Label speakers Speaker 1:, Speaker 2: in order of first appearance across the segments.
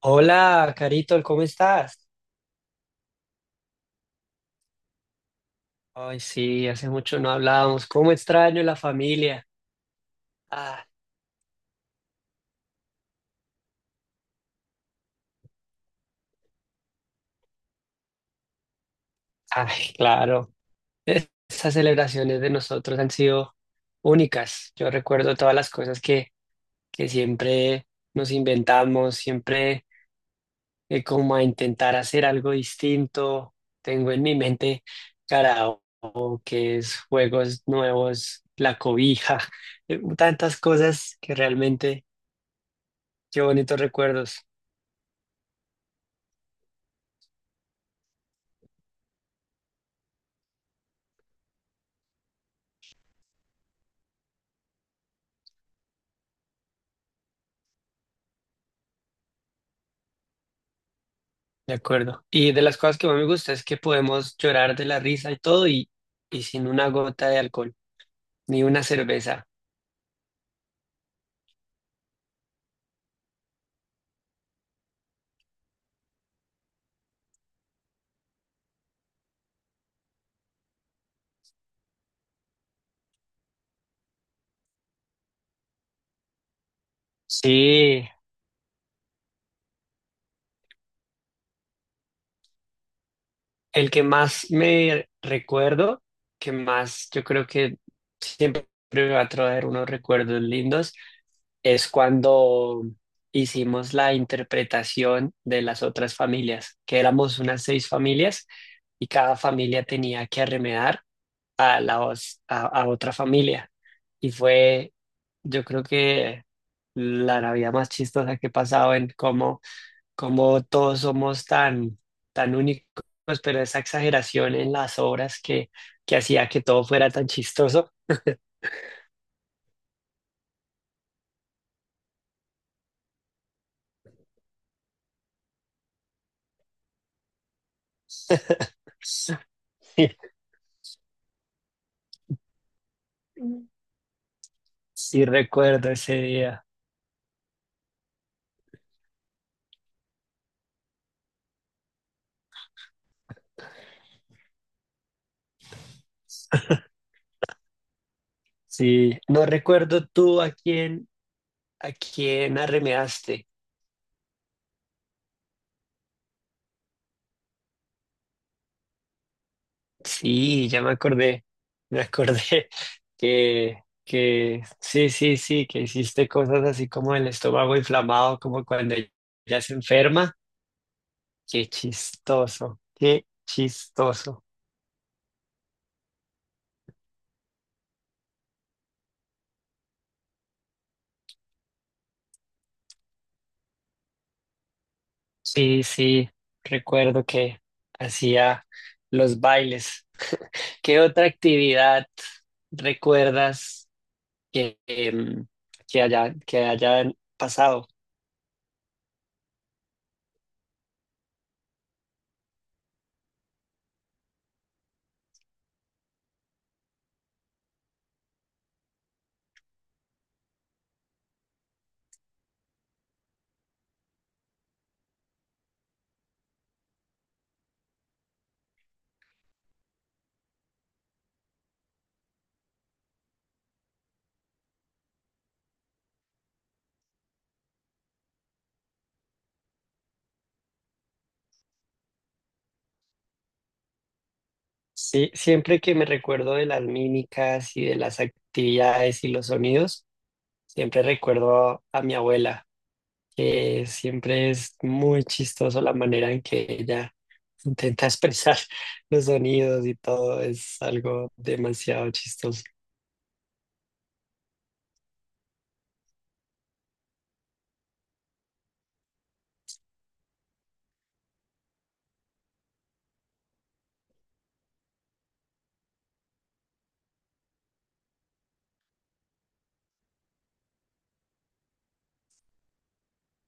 Speaker 1: Hola, Carito, ¿cómo estás? Ay, sí, hace mucho no hablábamos. ¿Cómo extraño la familia? Ah, ay, claro. Esas celebraciones de nosotros han sido únicas. Yo recuerdo todas las cosas que siempre nos inventamos, siempre como a intentar hacer algo distinto. Tengo en mi mente karaoke, juegos nuevos, la cobija, tantas cosas que realmente, qué bonitos recuerdos. De acuerdo. Y de las cosas que más me gusta es que podemos llorar de la risa y todo y sin una gota de alcohol, ni una cerveza. Sí, el que más me recuerdo, que más yo creo que siempre me va a traer unos recuerdos lindos, es cuando hicimos la interpretación de las otras familias, que éramos unas seis familias y cada familia tenía que arremedar a, la, os- a otra familia. Y fue, yo creo que la Navidad más chistosa que he pasado en cómo todos somos tan únicos, pero esa exageración en las obras que hacía que todo fuera tan chistoso. Sí, sí recuerdo ese día. Sí, no recuerdo tú a quién arremedaste. Sí, ya me acordé que sí, sí, sí, que hiciste cosas así como el estómago inflamado, como cuando ya se enferma. Qué chistoso, qué chistoso. Sí, sí, recuerdo que hacía los bailes. ¿Qué otra actividad recuerdas que, que hayan pasado? Sí, siempre que me recuerdo de las mímicas y de las actividades y los sonidos, siempre recuerdo a mi abuela, que siempre es muy chistoso la manera en que ella intenta expresar los sonidos y todo, es algo demasiado chistoso.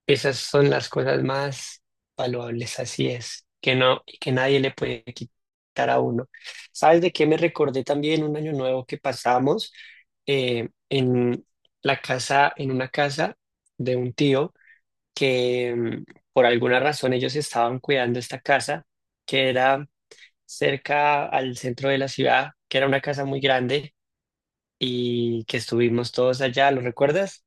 Speaker 1: Esas son las cosas más valuables, así es, que no, y que nadie le puede quitar a uno. ¿Sabes de qué me recordé también un año nuevo que pasamos en la casa, en una casa de un tío que por alguna razón ellos estaban cuidando esta casa que era cerca al centro de la ciudad, que era una casa muy grande y que estuvimos todos allá, ¿lo recuerdas?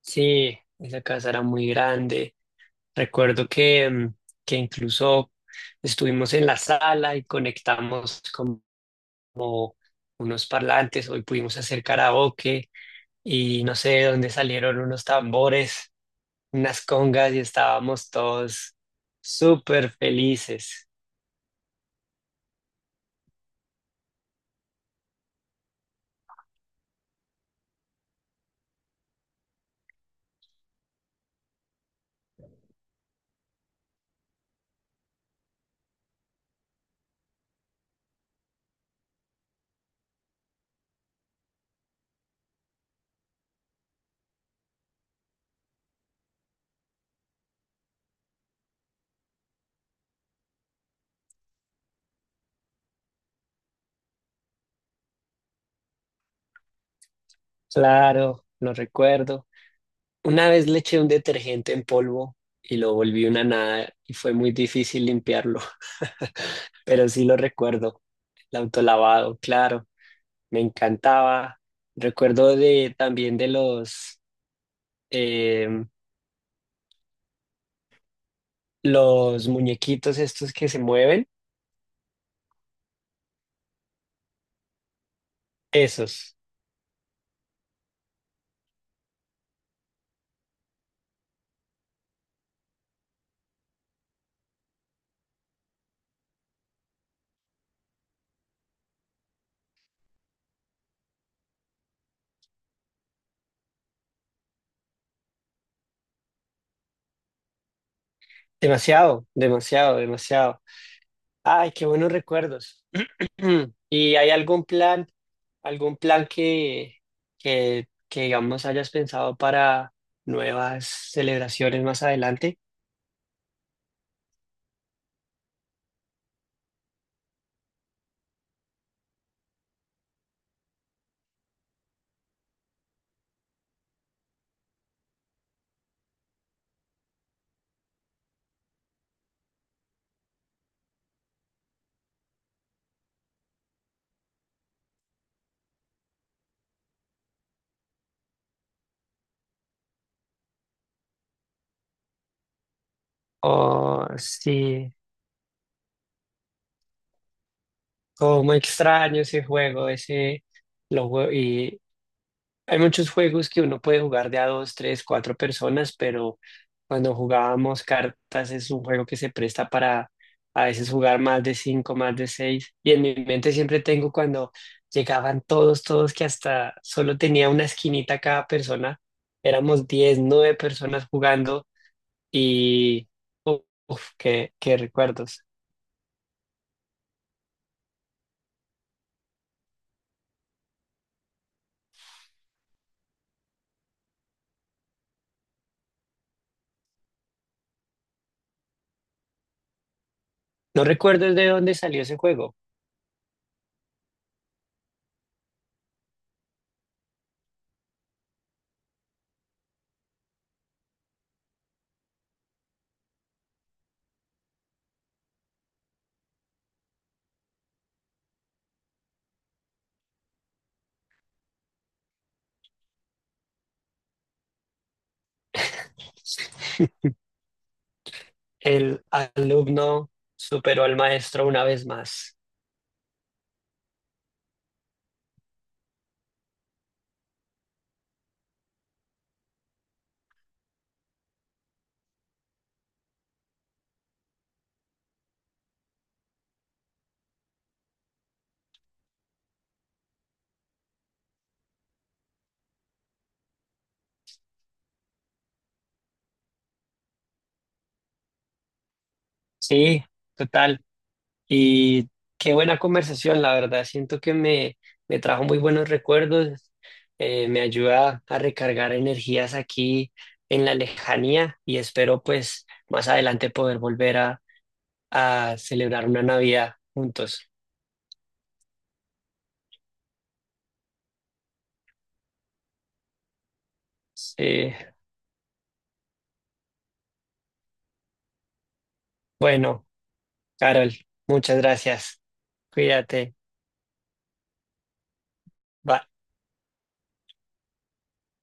Speaker 1: Sí, esa casa era muy grande. Recuerdo que incluso estuvimos en la sala y conectamos como unos parlantes. Hoy pudimos hacer karaoke y no sé de dónde salieron unos tambores, unas congas y estábamos todos súper felices. Claro, lo recuerdo. Una vez le eché un detergente en polvo y lo volví una nada y fue muy difícil limpiarlo, pero sí lo recuerdo. El autolavado, claro. Me encantaba. Recuerdo de, también de los, em, los muñequitos estos que se mueven, esos. Demasiado, demasiado, demasiado. Ay, qué buenos recuerdos. ¿Y hay algún plan que digamos hayas pensado para nuevas celebraciones más adelante? Oh, sí, como extraño ese juego, ese lo jue- y hay muchos juegos que uno puede jugar de a dos, tres, cuatro personas, pero cuando jugábamos cartas es un juego que se presta para a veces jugar más de cinco, más de seis. Y en mi mente siempre tengo cuando llegaban todos, todos que hasta solo tenía una esquinita cada persona. Éramos 10, nueve personas jugando y ¡uf! Uf, qué recuerdos. No recuerdo de dónde salió ese juego. El alumno superó al maestro una vez más. Sí, total. Y qué buena conversación, la verdad. Siento que me trajo muy buenos recuerdos, me ayuda a recargar energías aquí en la lejanía y espero pues más adelante poder volver a celebrar una Navidad juntos. Sí. Bueno, Carol, muchas gracias. Cuídate. Bye.